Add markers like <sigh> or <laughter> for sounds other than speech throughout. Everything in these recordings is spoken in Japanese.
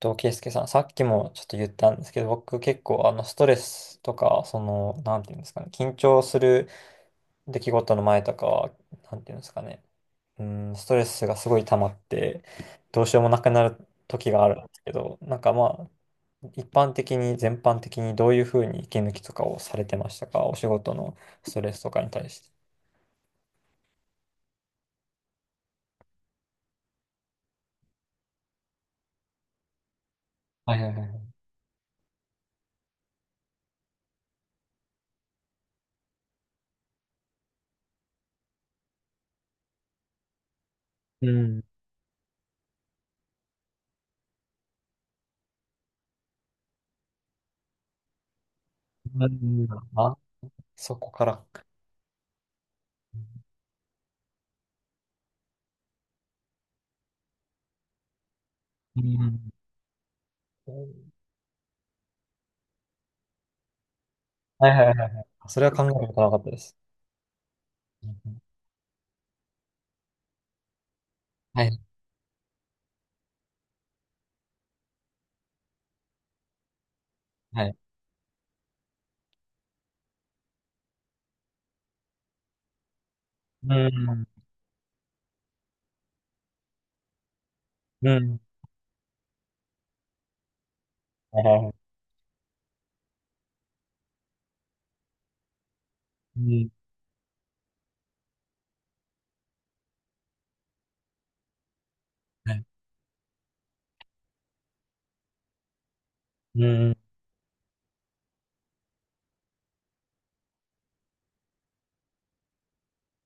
と、圭介さん、さっきもちょっと言ったんですけど、僕結構ストレスとか、なんていうんですかね、緊張する出来事の前とかは、なんていうんですかね、うん、ストレスがすごい溜まって、どうしようもなくなる時があるんですけど、なんかまあ、一般的に、全般的にどういうふうに息抜きとかをされてましたか、お仕事のストレスとかに対して。はいはいはい。うん。うん。あ、そこから。うん。はいはいはいはい。それは考えたことなかったです。うん。はい、はい。うん、うん、はいはいはい。うん、はい。うん、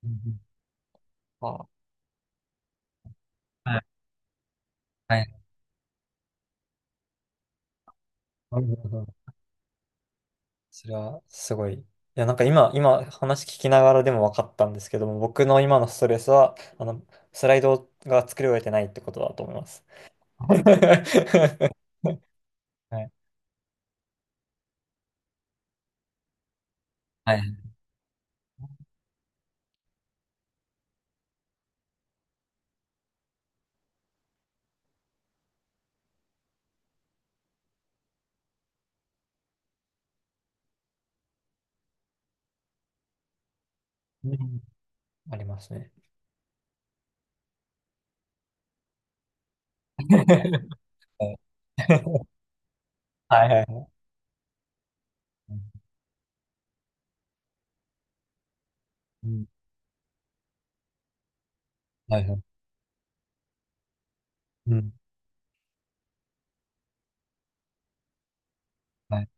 うん、あ、はい、はい。なるほど。それはすごい。いや、なんか今話聞きながらでも分かったんですけども、僕の今のストレスは、スライドが作り終えてないってことだと思います。<laughs> はい。はい。うん、ありますね。<laughs> はいはいはい。はいはい。うん、はいはい。うん、はい。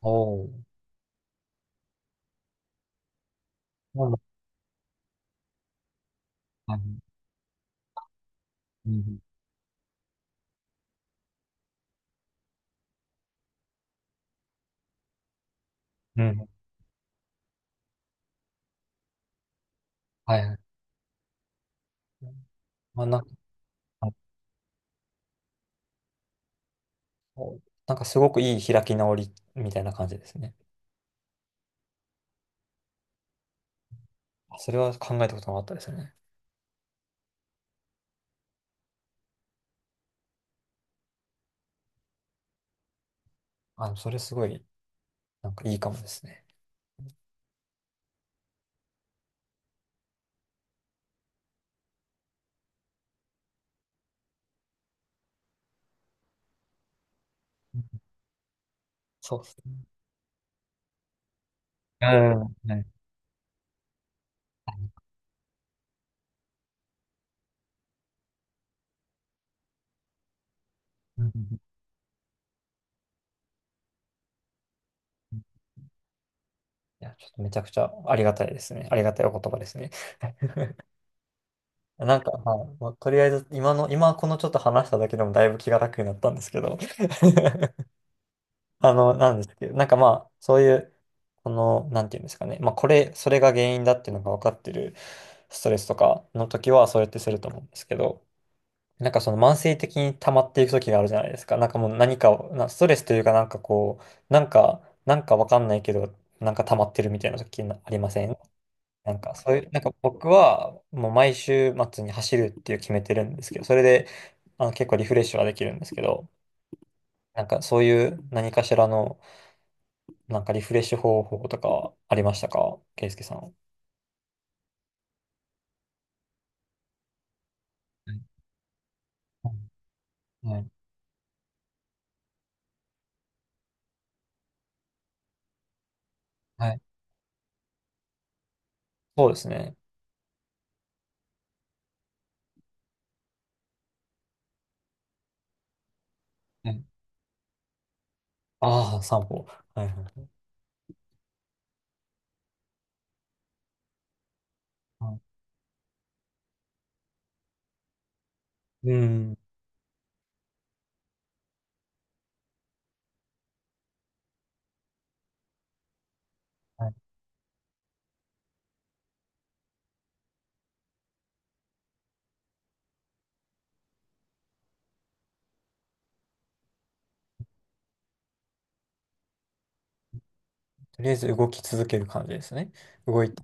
おお、なんだ、はい。うん、うん、はいはい。まあ、なんか、あ、お、なんかすごくいい開き直りみたいな感じですね。あ、それは考えたことなかったですね。あ、それすごい、なんかいいかもですね。うん。そうですね。うん、はい。い。うん。いや、ちょっとめちゃくちゃありがたいですね。ありがたいお言葉ですね。<laughs> なんか、はい、もうとりあえず、今このちょっと話しただけでもだいぶ気が楽になったんですけど。<laughs> なんですけど、なんかまあ、そういう、この、なんていうんですかね、まあ、それが原因だっていうのが分かってるストレスとかの時は、そうやってすると思うんですけど、なんかその慢性的に溜まっていく時があるじゃないですか。なんかもう何かを、ストレスというか、なんかこう、なんか、なんか分かんないけど、なんか溜まってるみたいな時なありません。なんかそういう、なんか僕は、もう毎週末に走るっていう決めてるんですけど、それで、結構リフレッシュはできるんですけど、なんかそういう何かしらの、なんかリフレッシュ方法とかありましたかケイスケさん。はいはいはい。そうですね。はい。ああ、散歩。はいはい。はい。うん。はい。とりあえず動き続ける感じですね。動いて。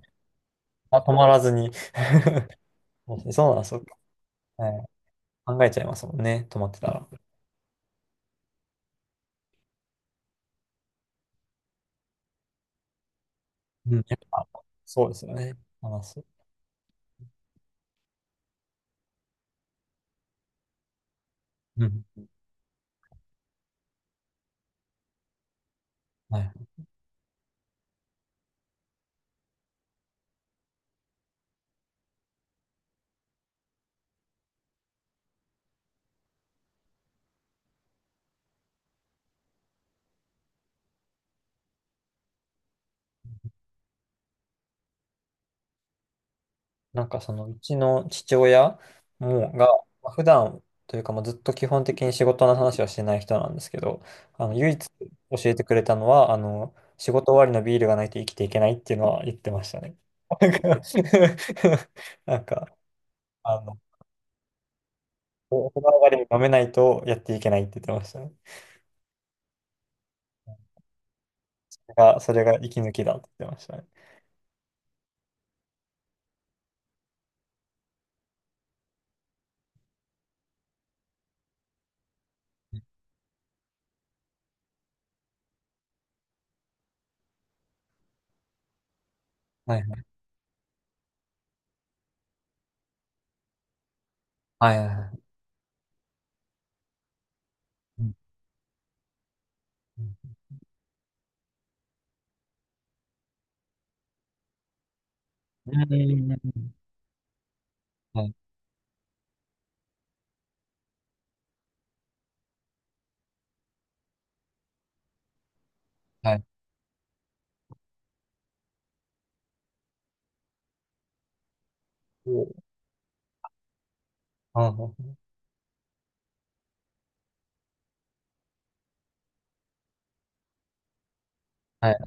あ、止まらずに。<laughs> そう、そうか。はい。考えちゃいますもんね。止まってたら。うん。やっぱ、そうですよね。話す。うん。はい。なんかそのうちの父親もが、まあ普段というかもうずっと基本的に仕事の話はしてない人なんですけど、唯一教えてくれたのは、仕事終わりのビールがないと生きていけないっていうのは言ってましたね。<laughs> なんか、<laughs> なんかあの、お風呂上がりに飲めないとやっていけないって言ってましたね。だ、それが息抜きだって言ってましたね。はいはいはいはいはい。うんうんうんうん。はいはい。うん、はい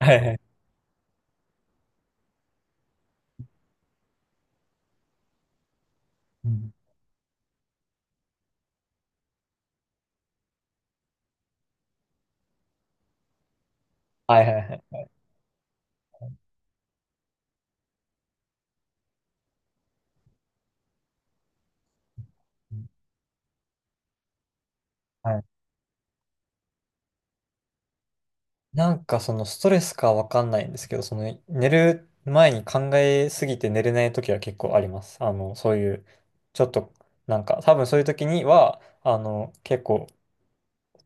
はいはい。はい。はいはいうんはいはいはい。はい。なんかそのストレスかわかんないんですけど、その寝る前に考えすぎて寝れない時は結構あります。そういう、ちょっと、なんか多分そういう時には、結構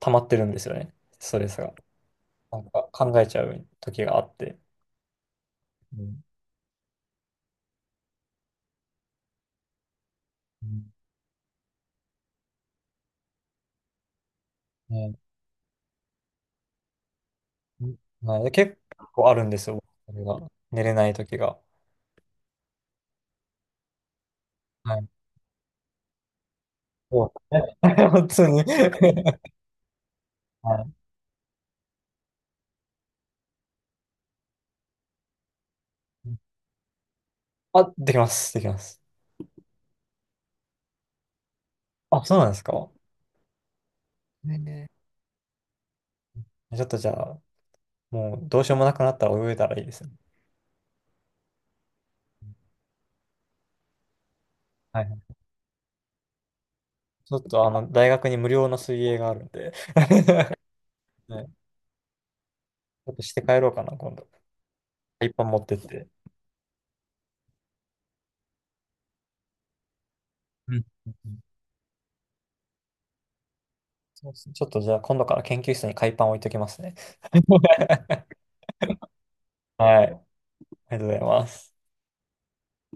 溜まってるんですよね。ストレスが。なんか考えちゃう時があって。うん。うん。ね。はい。結構あるんですよ。それが寝れない時が。はい。そうですね、 <laughs> 本当に。はい。あ、できます。できます。あ、そうなんですか。ね。ね。ちょっとじゃあ、もうどうしようもなくなったら泳いだらいいですね。はいはい。ちょっと大学に無料の水泳があるんで <laughs> ね、ちょっとして帰ろうかな、今度。海パン持ってって。うん。そうですね、ちょっとじゃあ今度から研究室に海パン置いときますね。<laughs> はい、ありがとうございます。